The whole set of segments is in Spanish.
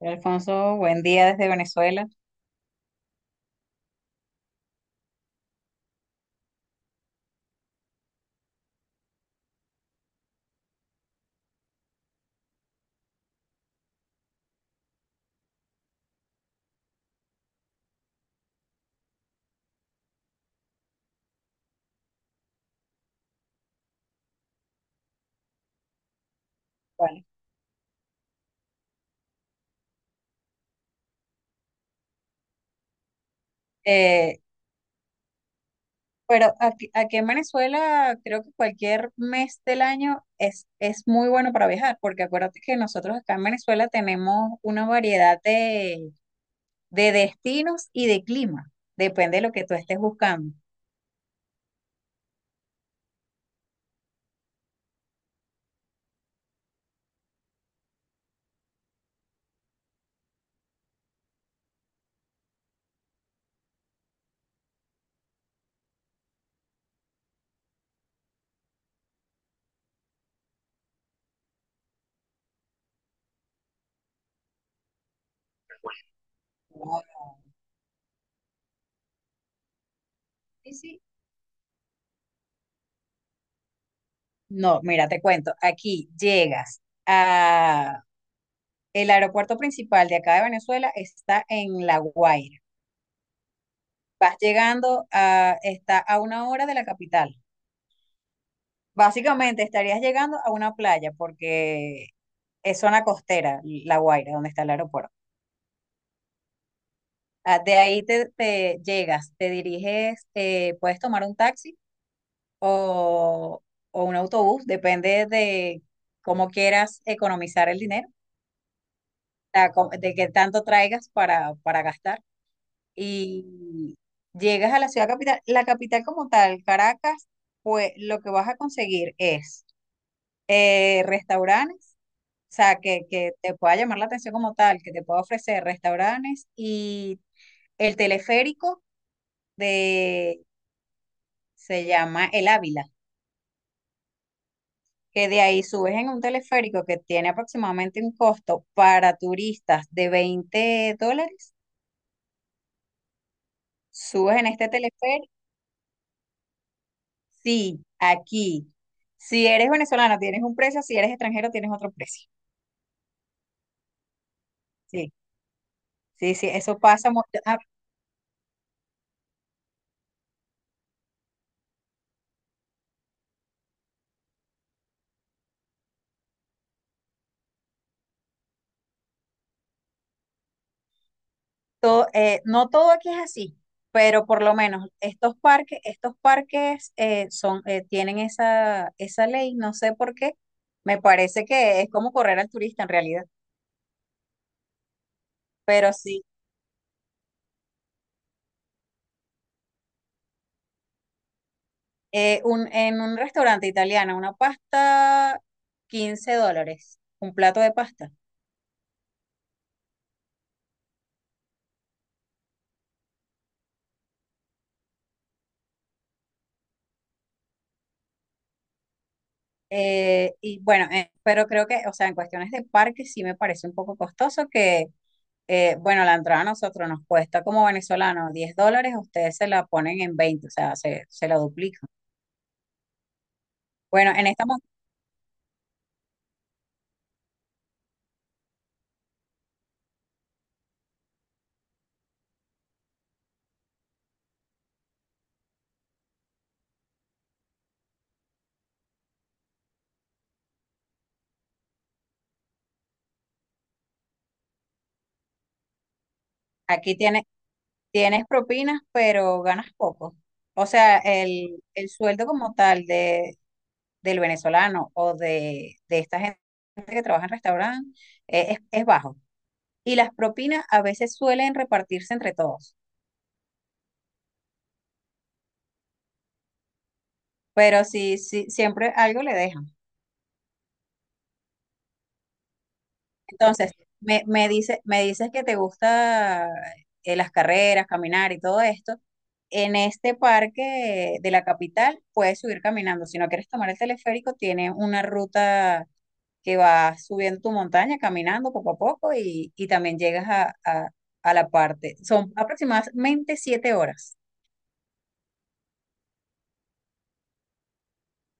Alfonso, buen día desde Venezuela. Vale. eh, pero aquí en Venezuela creo que cualquier mes del año es muy bueno para viajar, porque acuérdate que nosotros acá en Venezuela tenemos una variedad de destinos y de clima, depende de lo que tú estés buscando. No, sí, sí. No, mira, te cuento, aquí llegas a el aeropuerto principal de acá de Venezuela está en La Guaira. Vas llegando a, está a una hora de la capital. Básicamente estarías llegando a una playa porque es zona costera, La Guaira, donde está el aeropuerto. Ah, de ahí te llegas, te diriges, puedes tomar un taxi o, o un autobús, depende de cómo quieras economizar el dinero, de qué tanto traigas para gastar. Y llegas a la ciudad capital, la capital como tal, Caracas, pues lo que vas a conseguir es restaurantes. O sea, que te pueda llamar la atención como tal, que te pueda ofrecer restaurantes y el teleférico de, se llama El Ávila, que de ahí subes en un teleférico que tiene aproximadamente un costo para turistas de $20, subes en este teleférico, sí, aquí. Si eres venezolano tienes un precio, si eres extranjero tienes otro precio. Sí, sí, sí, eso pasa. Todo, no todo aquí es así, pero por lo menos estos parques son, tienen esa, esa ley, no sé por qué. Me parece que es como correr al turista en realidad. Pero sí, en un restaurante italiano, una pasta, $15, un plato de pasta. Y bueno, pero creo que, o sea, en cuestiones de parques sí me parece un poco costoso que bueno, la entrada a nosotros nos cuesta como venezolanos $10, ustedes se la ponen en veinte, o sea, se la duplican. Bueno, en esta, aquí tienes, tienes propinas, pero ganas poco. O sea, el sueldo como tal de, del venezolano o de esta gente que trabaja en restaurantes es bajo. Y las propinas a veces suelen repartirse entre todos, pero sí, sí, siempre algo le dejan. Entonces, me dices que te gusta las carreras, caminar y todo esto. En este parque de la capital puedes subir caminando. Si no quieres tomar el teleférico, tiene una ruta que va subiendo tu montaña, caminando poco a poco y también llegas a, a la parte. Son aproximadamente 7 horas.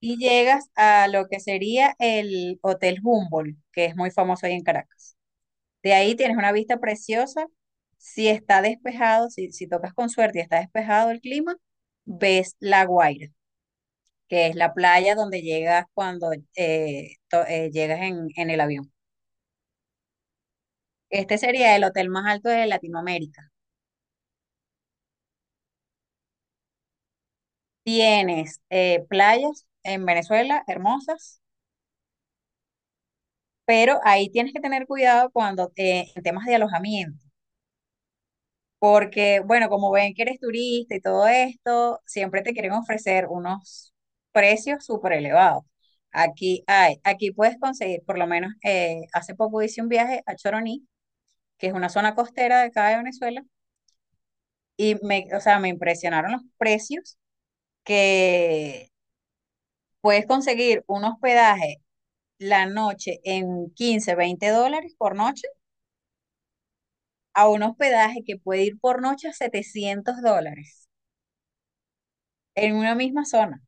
Y llegas a lo que sería el Hotel Humboldt, que es muy famoso ahí en Caracas. De ahí tienes una vista preciosa. Si está despejado, si tocas con suerte y está despejado el clima, ves La Guaira, que es la playa donde llegas cuando llegas en el avión. Este sería el hotel más alto de Latinoamérica. Tienes playas en Venezuela hermosas, pero ahí tienes que tener cuidado cuando en temas de alojamiento porque, bueno, como ven que eres turista y todo esto, siempre te quieren ofrecer unos precios súper elevados. Aquí puedes conseguir, por lo menos hace poco hice un viaje a Choroní, que es una zona costera de acá de Venezuela, y me, o sea, me impresionaron los precios que puedes conseguir un hospedaje la noche en $15 $20 por noche, a un hospedaje que puede ir por noche a $700 en una misma zona.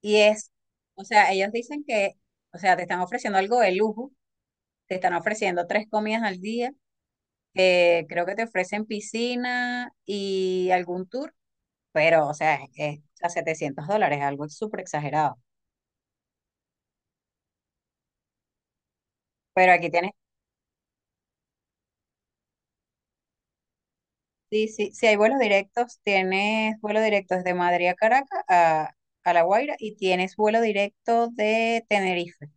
Y es, o sea, ellos dicen que, o sea, te están ofreciendo algo de lujo, te están ofreciendo tres comidas al día, creo que te ofrecen piscina y algún tour, pero, o sea, es a $700, algo súper exagerado. Pero aquí tienes, sí, sí, sí hay vuelos directos, tienes vuelo directo desde Madrid a Caracas a La Guaira y tienes vuelo directo de Tenerife.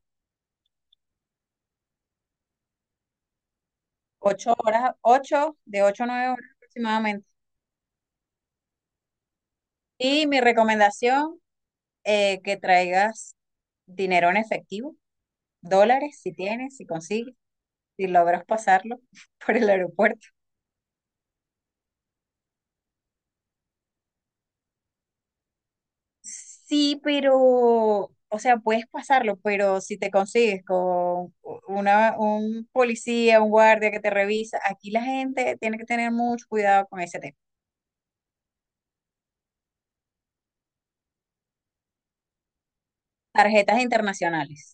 8 horas, ocho, de 8 a 9 horas aproximadamente. Y mi recomendación que traigas dinero en efectivo, dólares, si tienes, si consigues, si logras pasarlo por el aeropuerto. Sí, pero, o sea, puedes pasarlo, pero si te consigues con una, un policía, un guardia que te revisa, aquí la gente tiene que tener mucho cuidado con ese tema. Tarjetas internacionales.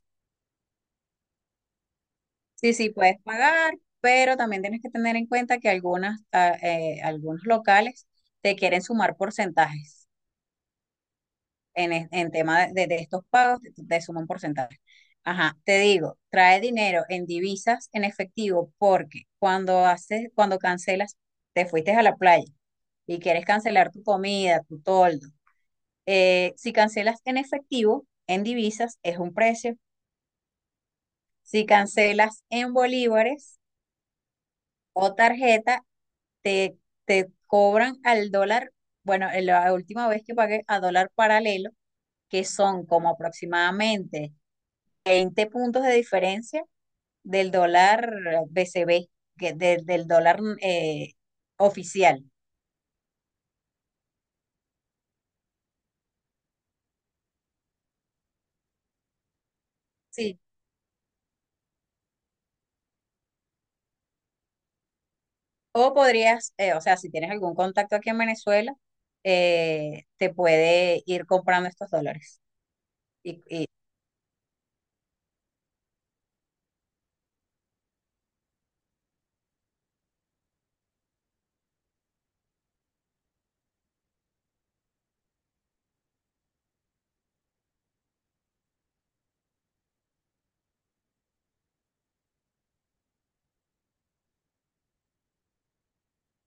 Sí, sí, puedes pagar, pero también tienes que tener en cuenta que algunas, algunos locales te quieren sumar porcentajes. En tema de estos pagos, te suma un porcentaje. Ajá, te digo, trae dinero en divisas en efectivo porque cuando haces, cuando cancelas, te fuiste a la playa y quieres cancelar tu comida, tu toldo. Si cancelas en efectivo, en divisas, es un precio. Si cancelas en bolívares o tarjeta, te, te cobran al dólar. Bueno, en la última vez que pagué a dólar paralelo, que son como aproximadamente 20 puntos de diferencia del dólar BCB, que del dólar oficial. Sí. O podrías, o sea, si tienes algún contacto aquí en Venezuela, te puede ir comprando estos dólares. Y, y-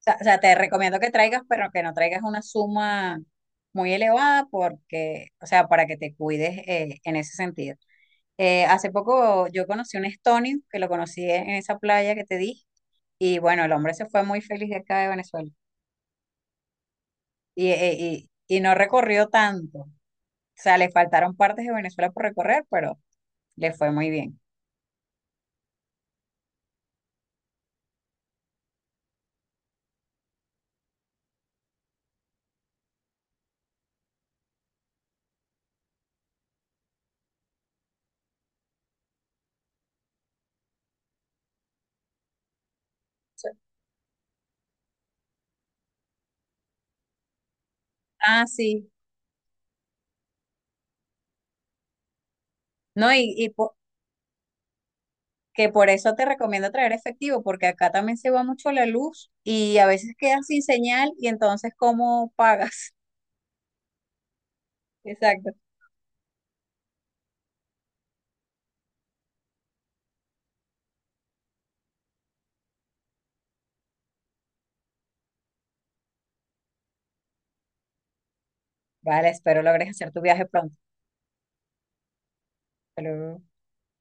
o sea, o sea, te recomiendo que traigas, pero que no traigas una suma muy elevada porque, o sea, para que te cuides en ese sentido. Hace poco yo conocí un estonio que lo conocí en esa playa que te dije. Y bueno, el hombre se fue muy feliz de acá de Venezuela y, eh, y no recorrió tanto. O sea, le faltaron partes de Venezuela por recorrer, pero le fue muy bien. Ah, sí. No, y po- Que por eso te recomiendo traer efectivo, porque acá también se va mucho la luz y a veces quedas sin señal y entonces, ¿cómo pagas? Exacto. Vale, espero logres hacer tu viaje pronto. Hasta luego.